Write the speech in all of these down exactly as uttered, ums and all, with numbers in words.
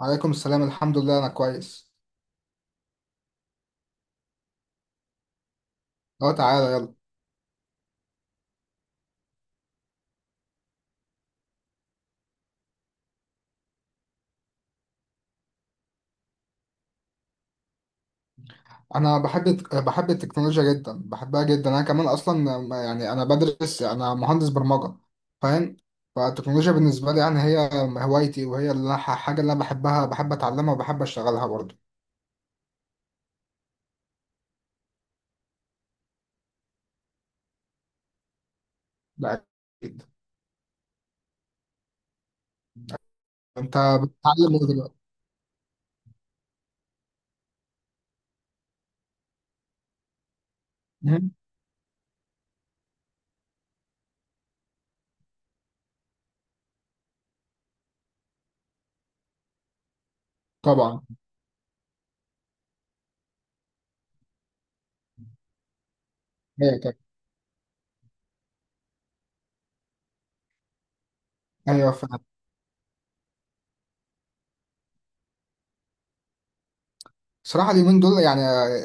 عليكم السلام، الحمد لله انا كويس. اه، تعالى يلا. انا بحب الت- بحب التكنولوجيا جدا، بحبها جدا. انا كمان اصلا ما- يعني انا بدرس، انا مهندس برمجة. فاهم. فالتكنولوجيا بالنسبة لي يعني هي هوايتي، وهي اللي أنا- حاجة اللي انا بحبها، بحب اتعلمها وبحب اشتغلها برضه. ده، اكيد. انت بتتعلم ايه دلوقتي؟ مهم. طبعا. ايوه، طبعاً. ايوه، فعلا. صراحة اليومين دول، يعني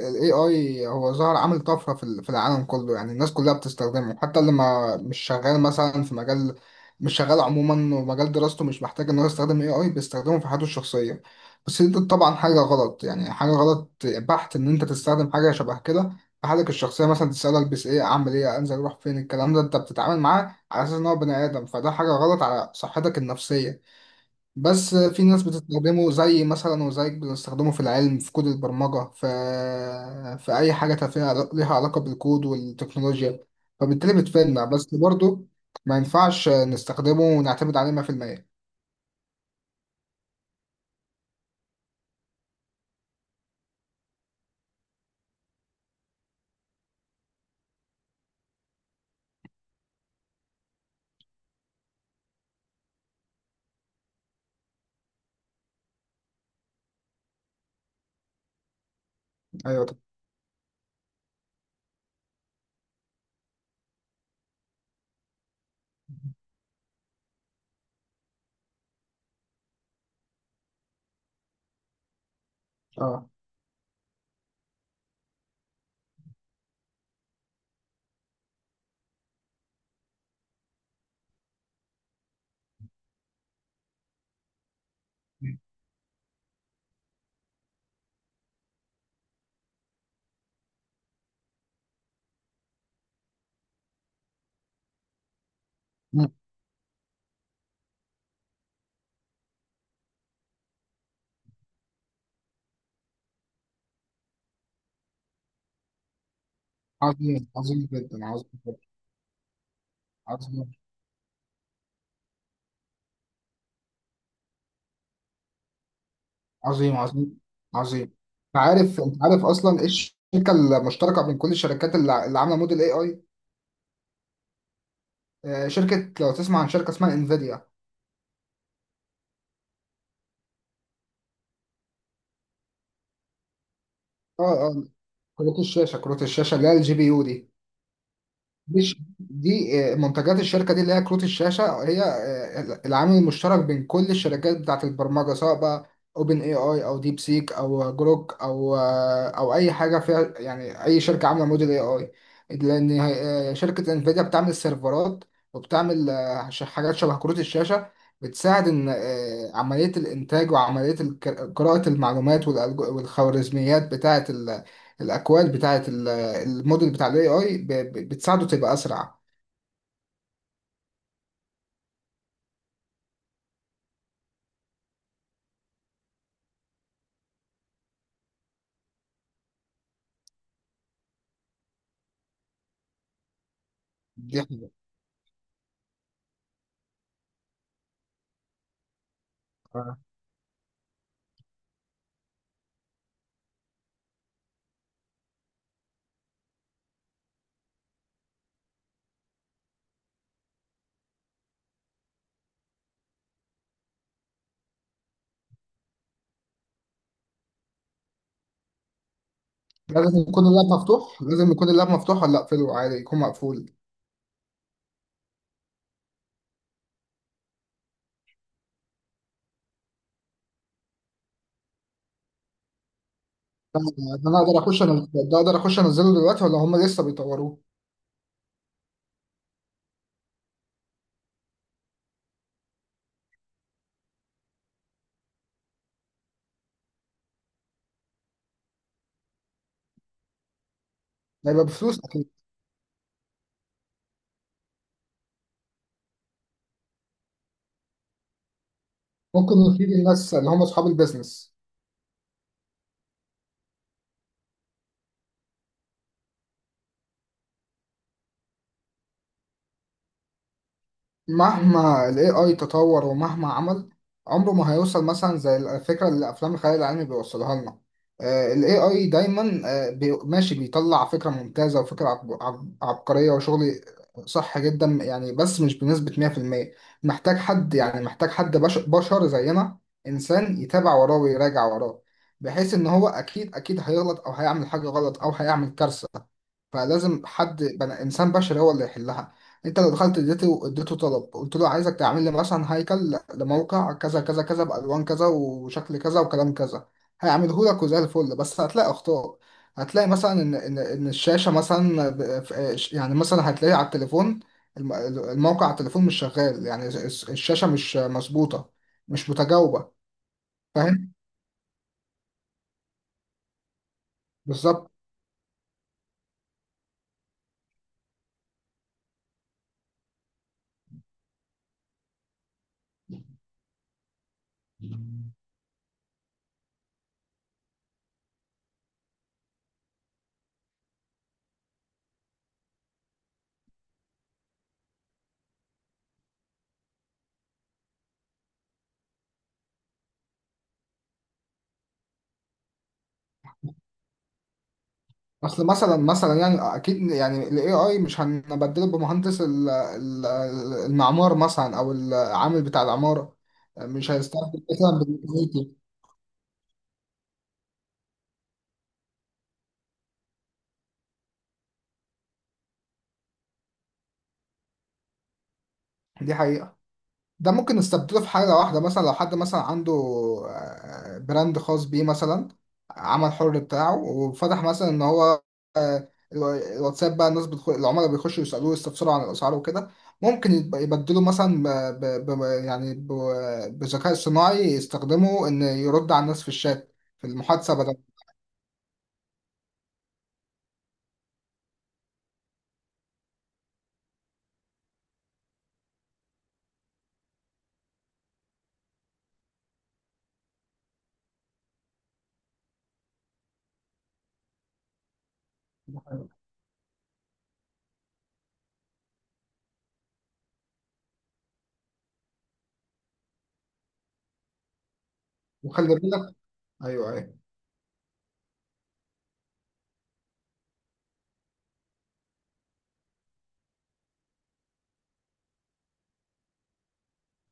ال اي اي هو ظهر عامل طفرة في ال- في العالم كله، يعني الناس كلها بتستخدمه، حتى اللي ما مش شغال مثلا في مجال، مش شغال عموما، ومجال دراسته مش محتاج إن هو يستخدم ايه آي، بيستخدمه في حياته الشخصية. بس دي طبعا حاجة غلط، يعني حاجة غلط بحت إن أنت تستخدم حاجة شبه كده في حالك الشخصية، مثلا تسأله ألبس إيه، أعمل إيه، أنزل أروح فين. الكلام ده أنت بتتعامل معاه على أساس إن هو بني آدم، فده حاجة غلط على صحتك النفسية. بس في ناس بتستخدمه، زي مثلا وزيك بتستخدمه في العلم، في كود البرمجة، في في أي حاجة تفيها ليها علاقة بالكود والتكنولوجيا. فبالتالي بتفيدنا، بس برضه ما ينفعش نستخدمه ونعتمد عليه مية في المية. أيوه، طب. اه. مم. عظيم، عظيم جدا، عظيم جدا. عظيم عظيم، عظيم. عظيم. انت عارف انت عارف اصلا ايه الشركه المشتركه بين كل الشركات اللي اللي عامله موديل اي اي؟ شركه، لو تسمع عن شركه اسمها انفيديا. اه، اه. كروت الشاشه، كروت الشاشه اللي هي الجي بي يو، دي. مش دي، آه، منتجات الشركه دي اللي هي كروت الشاشه، هي آه، العامل المشترك بين كل الشركات بتاعت البرمجه، سواء بقى اوبن اي اي، او ديب سيك، او جروك، او آه، او اي حاجه فيها، يعني اي شركه عامله موديل اي اي. لان آه، شركه انفيديا بتعمل سيرفرات، وبتعمل آه، ش- حاجات شبه كروت الشاشه، بتساعد ان آه، عمليه الانتاج وعمليه الك- قراءه المعلومات، والألج- والخوارزميات بتاعه ال- الاكواد بتاعه الموديل بتاع الاي اي، بتساعده تبقى اسرع. دي حاجة. آه. لازم يكون اللاب مفتوح لازم يكون اللاب مفتوح ولا اقفله عادي يكون مقفول؟ ده ده انا اقدر اخش انا ده اقدر اخش انزله دلوقتي، ولا هم لسه بيطوروه؟ ده يبقى بفلوس اكيد. ممكن يفيد الناس اللي هم اصحاب البيزنس. مهما ال اي اي تطور، ومهما عمل، عمره ما هيوصل مثلا زي الفكرة اللي أفلام الخيال العلمي بيوصلها لنا. آه، ال اي اي دايما آه، بي- ماشي، بيطلع فكرة ممتازة، وفكرة عب- عب- عبقرية وشغل صح جدا يعني، بس مش بنسبة مية في المية. محتاج حد، يعني محتاج حد بش- بشر زينا، إنسان يتابع وراه ويراجع وراه، بحيث إن هو أكيد، أكيد هيغلط، أو هيعمل حاجة غلط، أو هيعمل كارثة. فلازم حد بنا، انسان بشري، هو اللي يحلها. انت لو دخلت اديته اديته طلب، قلت له عايزك تعمل لي مثلا هيكل لموقع كذا كذا كذا، بالوان كذا، وشكل كذا، وكلام كذا، هيعمله لك وزي الفل، بس هتلاقي اخطاء. هتلاقي مثلا ان ان ان الشاشه مثلا ب- ف- يعني مثلا هتلاقي على التليفون الم- الموقع على التليفون مش شغال، يعني الس- الشاشه مش مظبوطه، مش متجاوبه. فاهم. بالظبط. اصل مثلا مثلا يعني اكيد، يعني الاي اي مش هنبدله بمهندس ال- ال- المعمار مثلا، او العامل بتاع العمارة، مش هيستخدم مثلا بالكمبيوتر. دي حقيقة. ده ممكن نستبدله في حاجة واحدة، مثلا لو حد مثلا عنده آه، براند خاص بيه مثلا، عمل حر بتاعه، وفتح مثلا ان هو آه، الو- الواتساب بقى، الناس بتخش، العملاء بيخشوا يسألوه يستفسروا عن الأسعار وكده. ممكن يب- يبدله مثلا ب... ب... ب... يعني ب... بذكاء صناعي يستخدمه ان يرد على الناس في الشات، في المحادثة، بدل. وخلي بالك. ايوه، ايوه.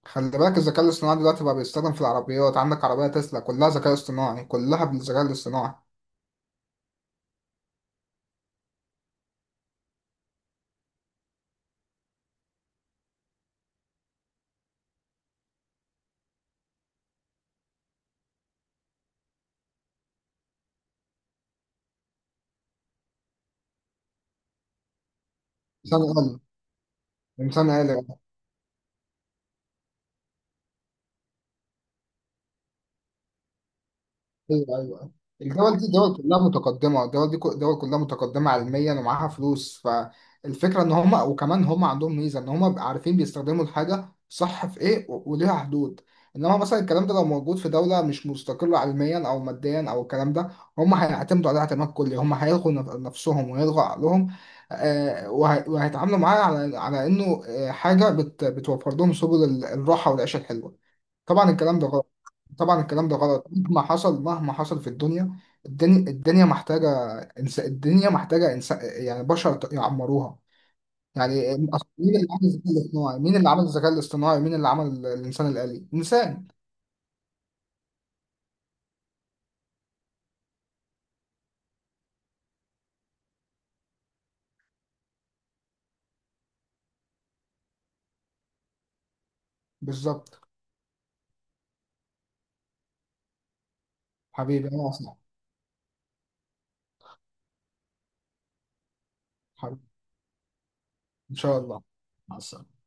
خلي بالك، الذكاء الاصطناعي دلوقتي بقى بيستخدم في العربيات، عندك عربية تسلا كلها ذكاء اصطناعي، كلها بالذكاء الاصطناعي. ثانية. انسان آلي. ايوه، ايوه. الدول دي دول كلها متقدمه الدول دي كو- دول كلها متقدمه علميا، ومعاها فلوس. فالفكره ان هم، وكمان هم عندهم ميزه، ان هم بيبقوا عارفين بيستخدموا الحاجه صح في ايه، و- وليها حدود. انما مثلا، الكلام ده لو موجود في دوله مش مستقله علميا او ماديا، او الكلام ده هم هيعتمدوا عليها اعتماد كلي، هم هيلغوا نف- نفسهم، وهيلغوا عقلهم، آه، وهي- وهيتعاملوا معاها على على انه آه، حاجه بت- بتوفر لهم سبل ال- الراحه والعيشه الحلوه. طبعا الكلام ده غلط. طبعا الكلام ده غلط مهما حصل، مهما حصل في الدنيا. الدنيا الدنيا محتاجة إنس... الدنيا محتاجة إنس... يعني بشر ت- يعمروها. يعني أصل، مين اللي عمل الذكاء الاصطناعي، مين اللي عمل الذكاء الاصطناعي، مين اللي عمل ال- الإنسان الآلي، إنسان. بالظبط. حبيبي، أنا أصلا. حبيبي. إن شاء الله. مع السلامة.